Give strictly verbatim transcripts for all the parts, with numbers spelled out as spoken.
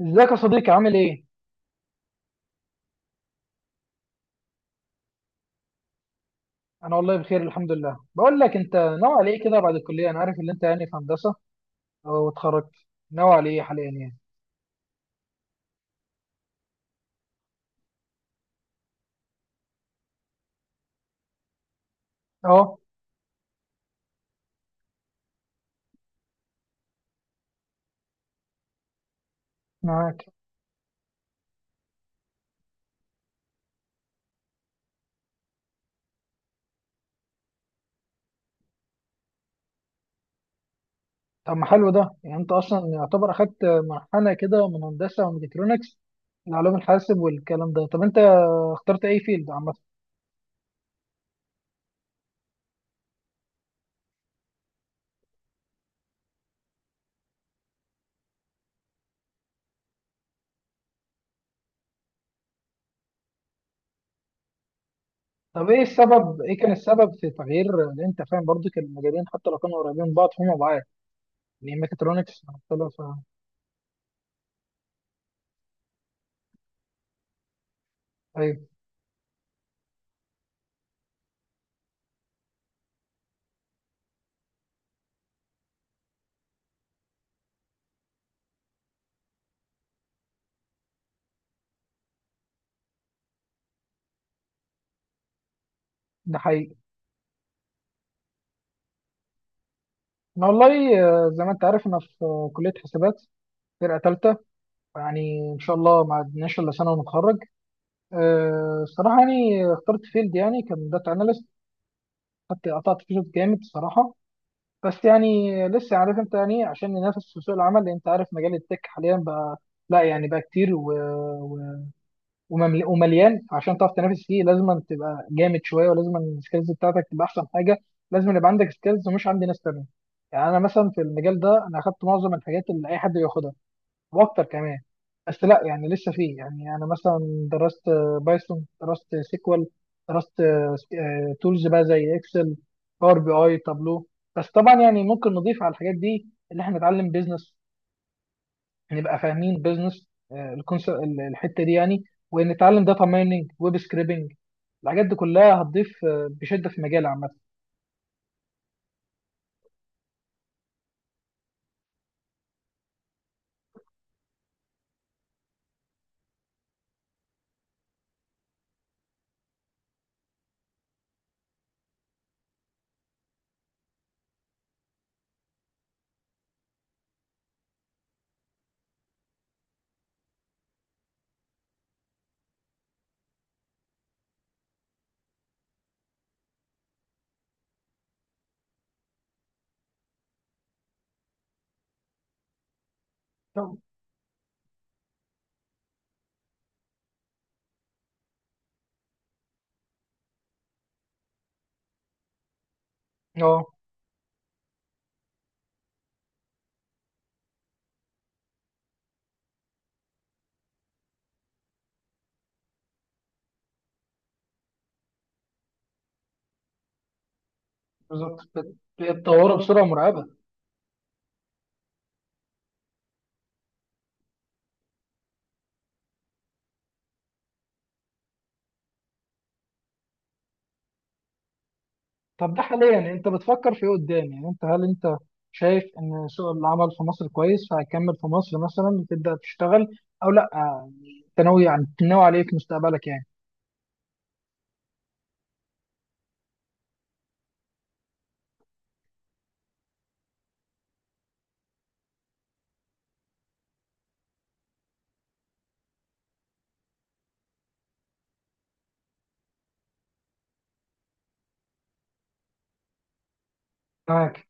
ازيك يا صديقي؟ عامل ايه؟ انا والله بخير، الحمد لله. بقول لك، انت ناوي على ايه كده بعد الكليه؟ انا عارف ان انت يعني في هندسه واتخرجت. ناوي على ايه حاليا يعني اه، معاك. طب ما حلو ده. يعني انت اصلا يعتبر اخدت منحنى كده من هندسه وميكاترونكس لعلوم الحاسب والكلام ده. طب انت اخترت اي فيلد عامه؟ طب ايه السبب، ايه كان السبب في تغيير؟ لان انت فاهم برضو كان المجالين حتى لو كانوا قريبين من بعض هما بعاد، يعني ميكاترونكس مختلفه. ايوه. ده حقيقي. انا والله، آه، زي ما انت عارف، انا في آه، كليه حسابات، فرقة تالتة، يعني إن شاء الله ما عدناش إلا سنة ونتخرج. أه، الصراحة يعني اخترت فيلد، يعني كان داتا أناليست، خدت قطعت فيه شوط جامد الصراحة. بس يعني لسه، عارف أنت، يعني عشان ننافس في سوق العمل، لأن أنت عارف مجال التك حاليا بقى لا يعني بقى كتير و... و... وممل- ومليان. عشان تعرف تنافس فيه لازم أن تبقى جامد شوية، ولازم أن السكيلز بتاعتك تبقى أحسن حاجة، لازم يبقى عندك سكيلز مش عند ناس تانية. يعني أنا مثلا في المجال ده أنا أخدت معظم الحاجات اللي أي حد بياخدها واكتر كمان. بس لا يعني لسه فيه، يعني انا مثلا درست بايثون، درست سيكوال، درست تولز بقى زي اكسل، باور بي اي، تابلو. بس طبعا يعني ممكن نضيف على الحاجات دي، اللي احنا نتعلم بيزنس، نبقى فاهمين بيزنس الحته دي يعني، ونتعلم داتا مايننج، ويب سكريبنج. الحاجات دي كلها هتضيف آه، بشده في مجال عامه. اه، بالظبط. بتطوره بسرعه مرعبه. طب ده حاليا انت بتفكر في ايه قدام؟ يعني انت هل انت شايف ان سوق العمل في مصر كويس فهتكمل في مصر مثلا وتبدا تشتغل، او لا؟ يعني انت ناوي، يعني ناوي على ايه في مستقبلك يعني؟ معاك.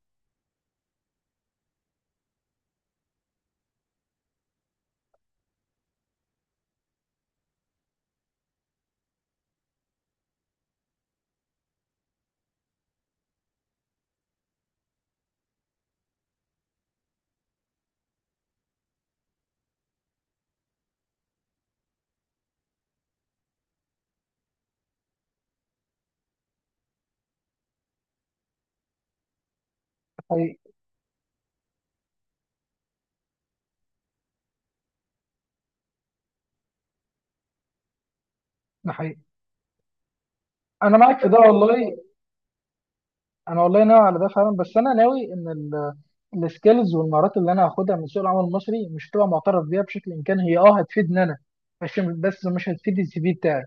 ده حقيقي. ده حقيقي. انا معاك في ده والله. انا والله ناوي على ده فعلا، بس انا ناوي ان ال- السكيلز والمهارات اللي انا هاخدها من سوق العمل المصري مش هتبقى معترف بيها بشكل. امكان هي اه هتفيدني انا، بس بس مش هتفيد السي في بتاعي.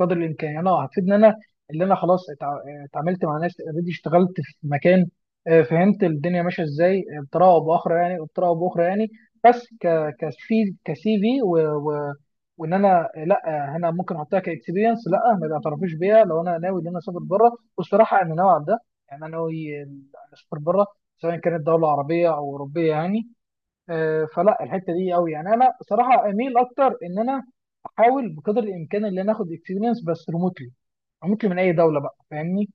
قدر الامكان يعني اه هتفيدني انا، اللي انا خلاص اتع- اتعاملت مع ناس اوريدي، اشتغلت في مكان، آه، فهمت الدنيا ماشيه ازاي، آه، بطريقه او باخرى يعني، بطريقه او باخرى يعني. بس ك كسي كسي في و... و... وان انا لا، انا ممكن احطها كاكسبيرينس، لا ما بيعترفوش بيها لو انا ناوي ان انا اسافر بره، والصراحه انا ناوي على ده. يعني انا ناوي اسافر بره سواء كانت دوله عربيه او اوروبيه يعني. آه، فلا الحته دي قوي، يعني انا بصراحه اميل اكتر ان انا احاول بقدر الامكان ان انا اخد اكسبيرينس بس ريموتلي. ريموتلي من اي دوله بقى، فاهمني؟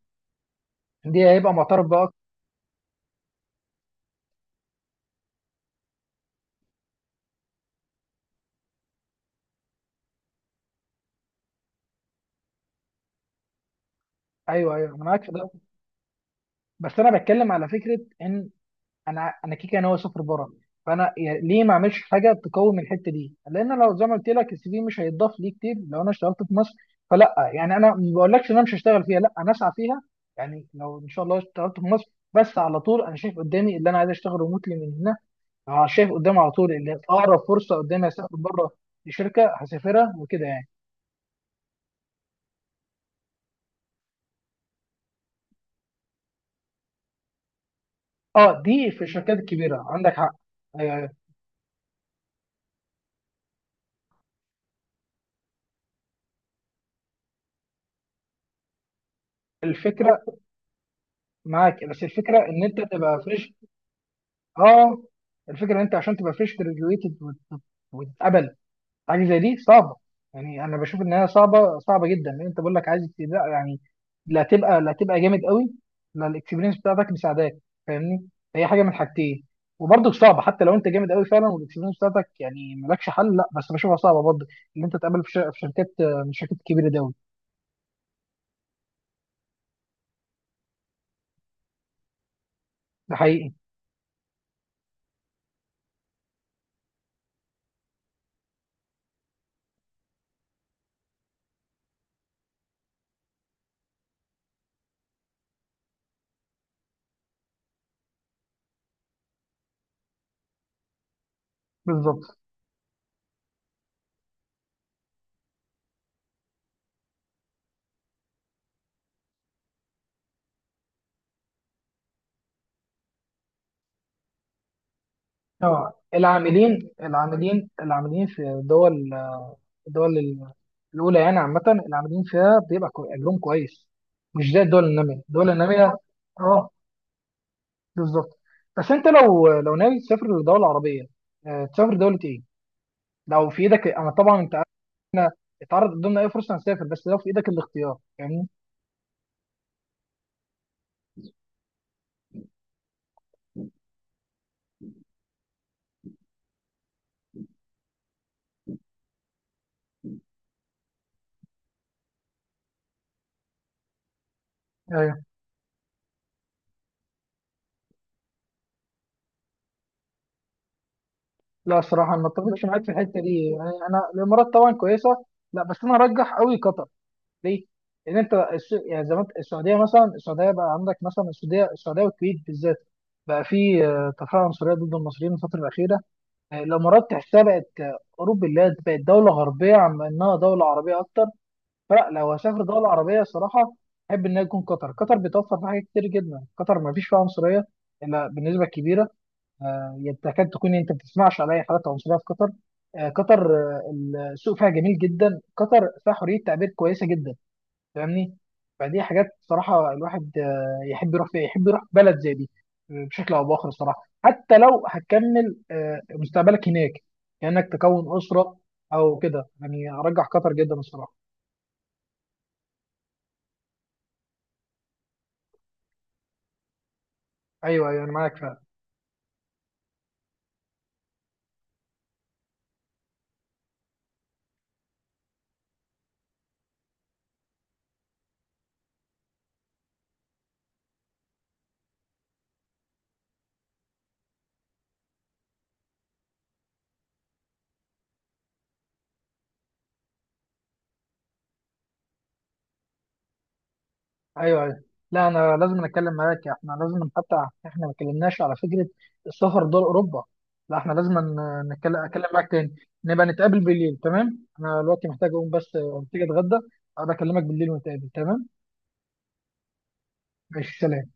دي هيبقى معترف بقى أكتر. ايوه ايوه انا معاك في ده، بس انا بتكلم على فكره ان انا انا كيكا ناوي اسافر بره، فانا يا- ليه ما اعملش حاجه تقوم الحته دي؟ لان لو زي ما قلت لك السي في مش هيتضاف ليه كتير لو انا اشتغلت في مصر. فلا يعني انا ما بقولكش ان انا مش هشتغل فيها، لا انا اسعى فيها، يعني لو ان شاء الله اشتغلت في مصر، بس على طول انا شايف قدامي اللي انا عايز اشتغل ريموتلي من هنا. أنا شايف قدامي على طول اللي اقرب فرصه قدامي اسافر بره لشركه هسافرها وكده يعني. اه، دي في الشركات الكبيره عندك حق. آه، الفكره معاك، بس الفكره ان انت تبقى فريش. اه، الفكره ان انت عشان تبقى فريش جراديويتد وتتقبل حاجه زي دي صعبه. يعني انا بشوف ان هي صعبه، صعبه جدا، لان انت بقول لك عايز تبقى، يعني لا تبقى، لا تبقى جامد قوي، لا الاكسبيرينس بتاعتك مساعداك، فاهمني؟ هي حاجه من حاجتين. وبرضك صعبه حتى لو انت جامد قوي فعلا والاكسبيرينس بتاعتك، يعني مالكش حل، لا بس بشوفها صعبه برضه ان انت تقابل في ش- في شركات من الشركات الكبيره دي أوي. ده حقيقي. بالظبط. اه، العاملين العاملين العاملين في دول، الدول ال- الأولى يعني عامة، اللي عاملين فيها بيبقى كو- أجرهم كويس، مش زي الدول النامية، الدول النامية. اه، بالظبط. بس أنت لو لو ناوي تسافر لدولة عربية، آه، تسافر دولة إيه؟ لو في إيدك، أنا طبعا أنت اتعرض قدامنا أي فرصة هنسافر، بس لو في إيدك الاختيار فاهمني؟ ايوه. لا الصراحة أنا ما اتفقش معاك في الحتة دي، يعني أنا الإمارات طبعا كويسة، لا بس أنا أرجح أوي قطر. ليه؟ لان انت الس- يعني زي ما انت، السعوديه مثلا، السعوديه بقى عندك مثلا، السعوديه، السعوديه والكويت بالذات بقى في آه، تفاعل عنصريه ضد المصريين الفتره الاخيره. آه، الامارات تحسها بقت آه، اوروبا، اللي هي بقت دوله غربيه عم انها دوله عربيه اكتر. فلا لو هسافر دوله عربيه صراحه احب انها تكون قطر. قطر بتوفر فيها حاجات كتير جدا، قطر ما فيش فيها عنصريه الا بالنسبه كبيره. آه، يعني تكاد تكون انت ما بتسمعش على اي حالات عنصريه في قطر. آه، قطر، آه، السوق فيها جميل جدا، قطر فيها حريه تعبير كويسه جدا، فاهمني؟ فدي حاجات صراحة الواحد آه، يحب يروح فيها، يحب يروح بلد زي دي. آه، بشكل أو بآخر الصراحة، حتى لو هتكمل آه، مستقبلك هناك، كأنك تكون أسرة أو كده يعني. أرجح قطر جدا الصراحة. أيوه أيوه، أنا معاك فعلا. أيوه أيوه. لا أنا لازم أتكلم معاك، إحنا لازم، حتى إحنا ما اتكلمناش على فكرة السفر دول أوروبا. لا إحنا لازم ن- نتكلم، أتكلم معاك تاني، نبقى نتقابل بالليل، تمام؟ أنا دلوقتي محتاج أقوم، بس آه، محتاج أتغدى. أبقى أكلمك بالليل ونتقابل، تمام؟ ماشي، سلام.